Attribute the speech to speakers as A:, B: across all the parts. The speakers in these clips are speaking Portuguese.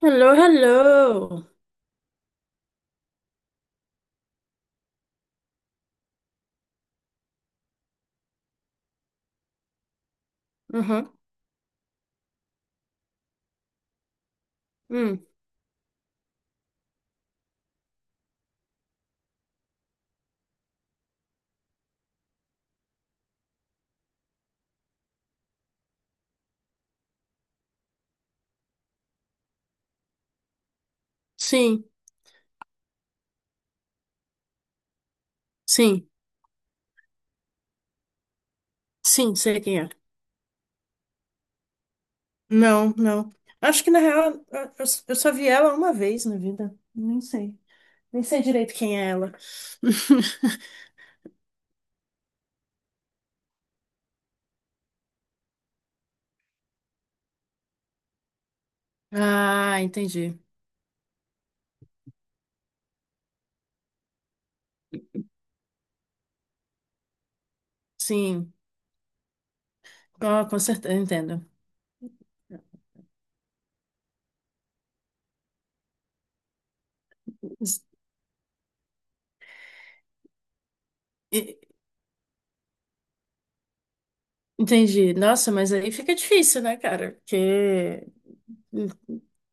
A: Hello, hello. Uhum. Hum. Sim, sim, sim, sei quem é. Não, não. Acho que na real eu só vi ela uma vez na vida. Nem sei. Nem sei direito quem é ela. Ah, entendi. Sim, com certeza, entendo. E- Entendi. Nossa, mas aí fica difícil, né, cara? Porque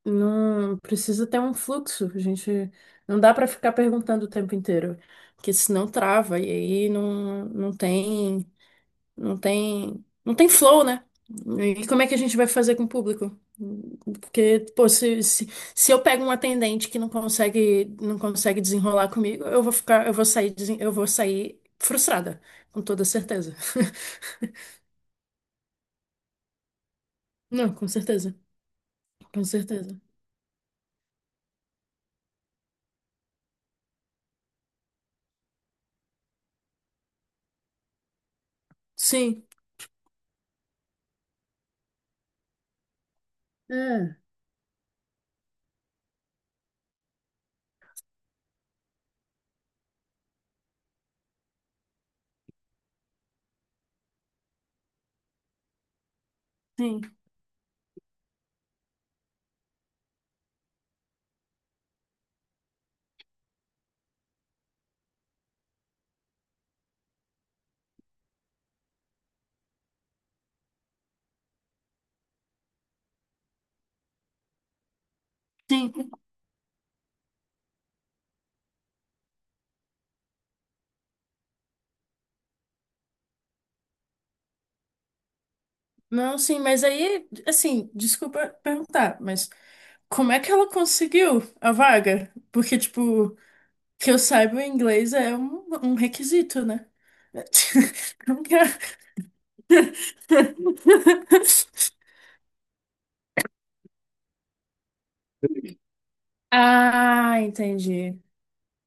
A: não precisa ter um fluxo, a gente. Não dá para ficar perguntando o tempo inteiro, porque senão trava e aí não tem flow, né? E como é que a gente vai fazer com o público? Porque, pô, se eu pego um atendente que não consegue desenrolar comigo, eu vou sair, eu vou sair frustrada, com toda certeza. Não, com certeza, com certeza. Sim. É. Sim. Sim. Não, sim, mas aí, assim, desculpa perguntar, mas como é que ela conseguiu a vaga? Porque, tipo, que eu saiba, o inglês é um requisito, né? Não que é? Ah, entendi.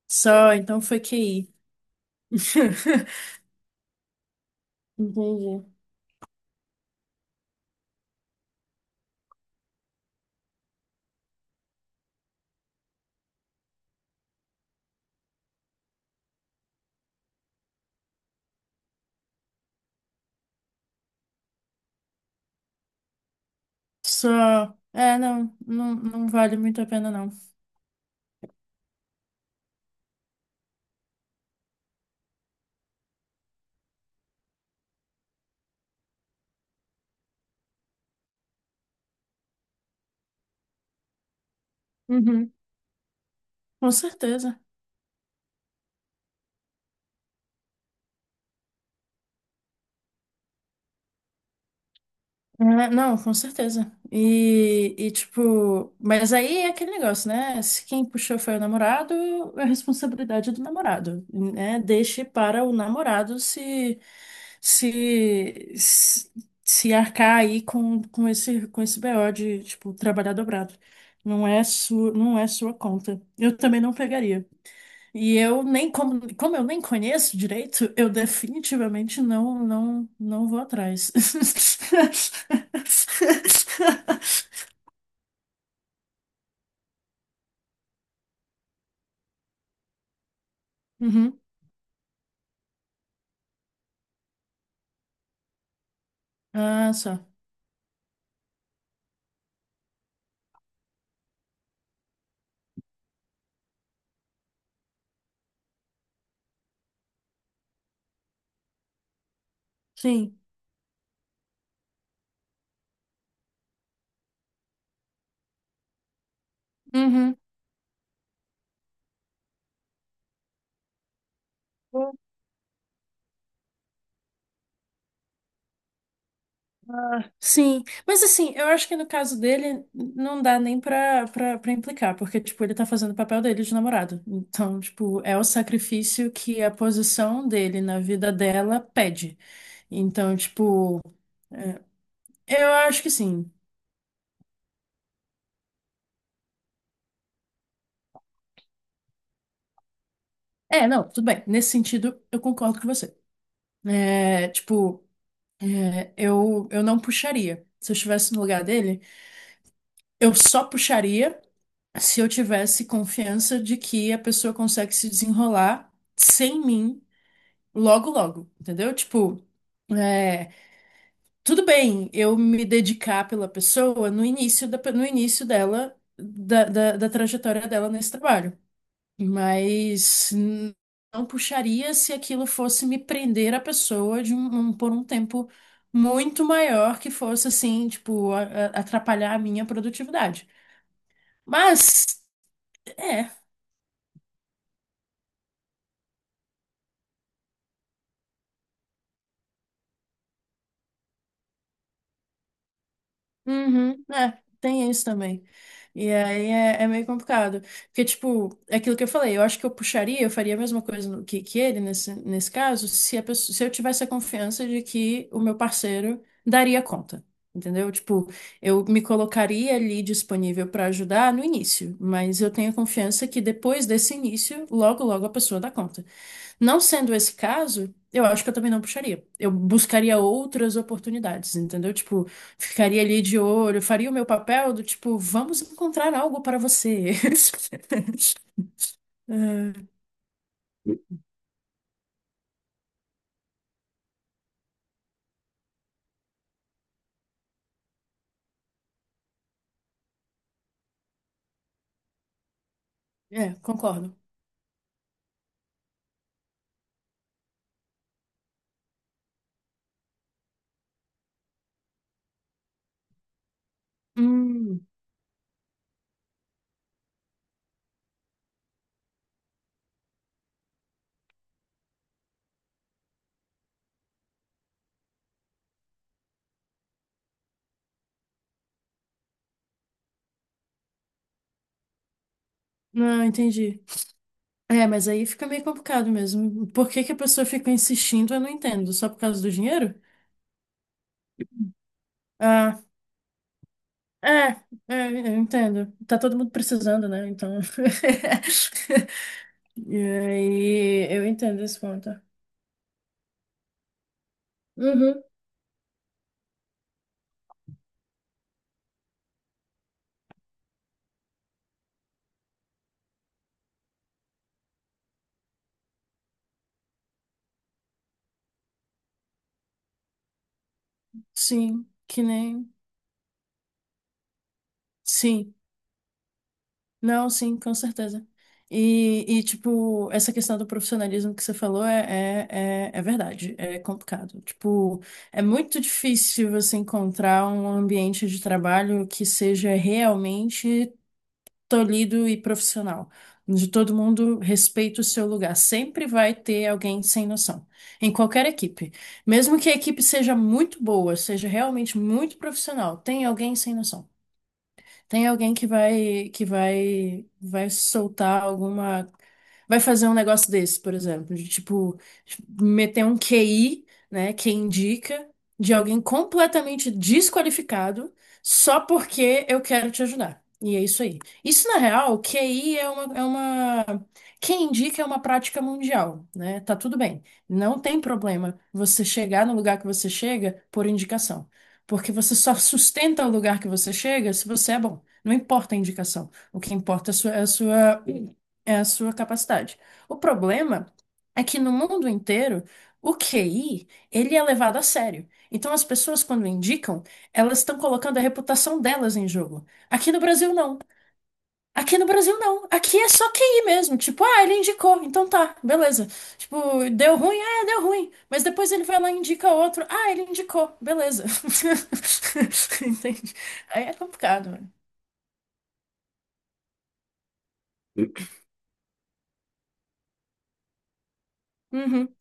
A: Só, então foi QI. Entendi. Só. É, não vale muito a pena, não. Uhum. Com certeza. É, não, com certeza. E, tipo, mas aí é aquele negócio, né? Se quem puxou foi o namorado, é responsabilidade do namorado, né? Deixe para o namorado se se se, se arcar aí com esse BO de, tipo, trabalhar dobrado. Não é sua conta. Eu também não pegaria. E eu nem como eu nem conheço direito, eu definitivamente não vou atrás. Uhum. Ah, só. Sim. Uhum. Sim, mas assim, eu acho que no caso dele não dá nem pra implicar, porque, tipo, ele tá fazendo o papel dele de namorado. Então, tipo, é o sacrifício que a posição dele na vida dela pede. Então, tipo, eu acho que sim. É, não, tudo bem. Nesse sentido, eu concordo com você. É, tipo, é, eu não puxaria. Se eu estivesse no lugar dele, eu só puxaria se eu tivesse confiança de que a pessoa consegue se desenrolar sem mim logo, logo, entendeu? Tipo, é, tudo bem eu me dedicar pela pessoa no no início dela, da, da trajetória dela nesse trabalho. Mas não puxaria se aquilo fosse me prender a pessoa de por um tempo muito maior que fosse assim, tipo, atrapalhar a minha produtividade. Mas, é. Uhum, é, tem isso também. E aí é, é meio complicado. Porque, tipo, é aquilo que eu falei, eu acho que eu puxaria, eu faria a mesma coisa que ele nesse caso, se eu tivesse a confiança de que o meu parceiro daria conta. Entendeu? Tipo, eu me colocaria ali disponível para ajudar no início, mas eu tenho a confiança que depois desse início, logo, logo a pessoa dá conta. Não sendo esse caso, eu acho que eu também não puxaria. Eu buscaria outras oportunidades, entendeu? Tipo, ficaria ali de olho, faria o meu papel do tipo, vamos encontrar algo para você. É, é, concordo. Hum, não, entendi. É, mas aí fica meio complicado mesmo. Por que que a pessoa fica insistindo, eu não entendo. Só por causa do dinheiro? Ah, é, é, eu entendo. Tá todo mundo precisando, né? Então. E aí, eu entendo esse ponto. Uhum, sim, que nem. Sim, não, sim, com certeza. E, tipo, essa questão do profissionalismo que você falou é verdade, é complicado. Tipo, é muito difícil você encontrar um ambiente de trabalho que seja realmente tolhido e profissional, onde todo mundo respeita o seu lugar. Sempre vai ter alguém sem noção, em qualquer equipe. Mesmo que a equipe seja muito boa, seja realmente muito profissional, tem alguém sem noção. Tem alguém que vai soltar alguma vai fazer um negócio desse, por exemplo, de tipo meter um QI, né, que indica de alguém completamente desqualificado só porque eu quero te ajudar. E é isso aí. Isso, na real, QI é é uma... Quem indica é uma prática mundial, né? Tá tudo bem. Não tem problema você chegar no lugar que você chega por indicação. Porque você só sustenta o lugar que você chega se você é bom. Não importa a indicação. O que importa é a sua, é a sua capacidade. O problema é que no mundo inteiro, o QI, ele é levado a sério. Então, as pessoas, quando indicam, elas estão colocando a reputação delas em jogo. Aqui no Brasil, não. Aqui no Brasil, não. Aqui é só QI mesmo. Tipo, ah, ele indicou, então tá, beleza. Tipo, deu ruim, ah, deu ruim. Mas depois ele vai lá e indica outro, ah, ele indicou, beleza. Entende? Aí é complicado, mano. Uhum.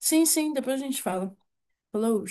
A: Sim, sim, depois a gente fala. Falou.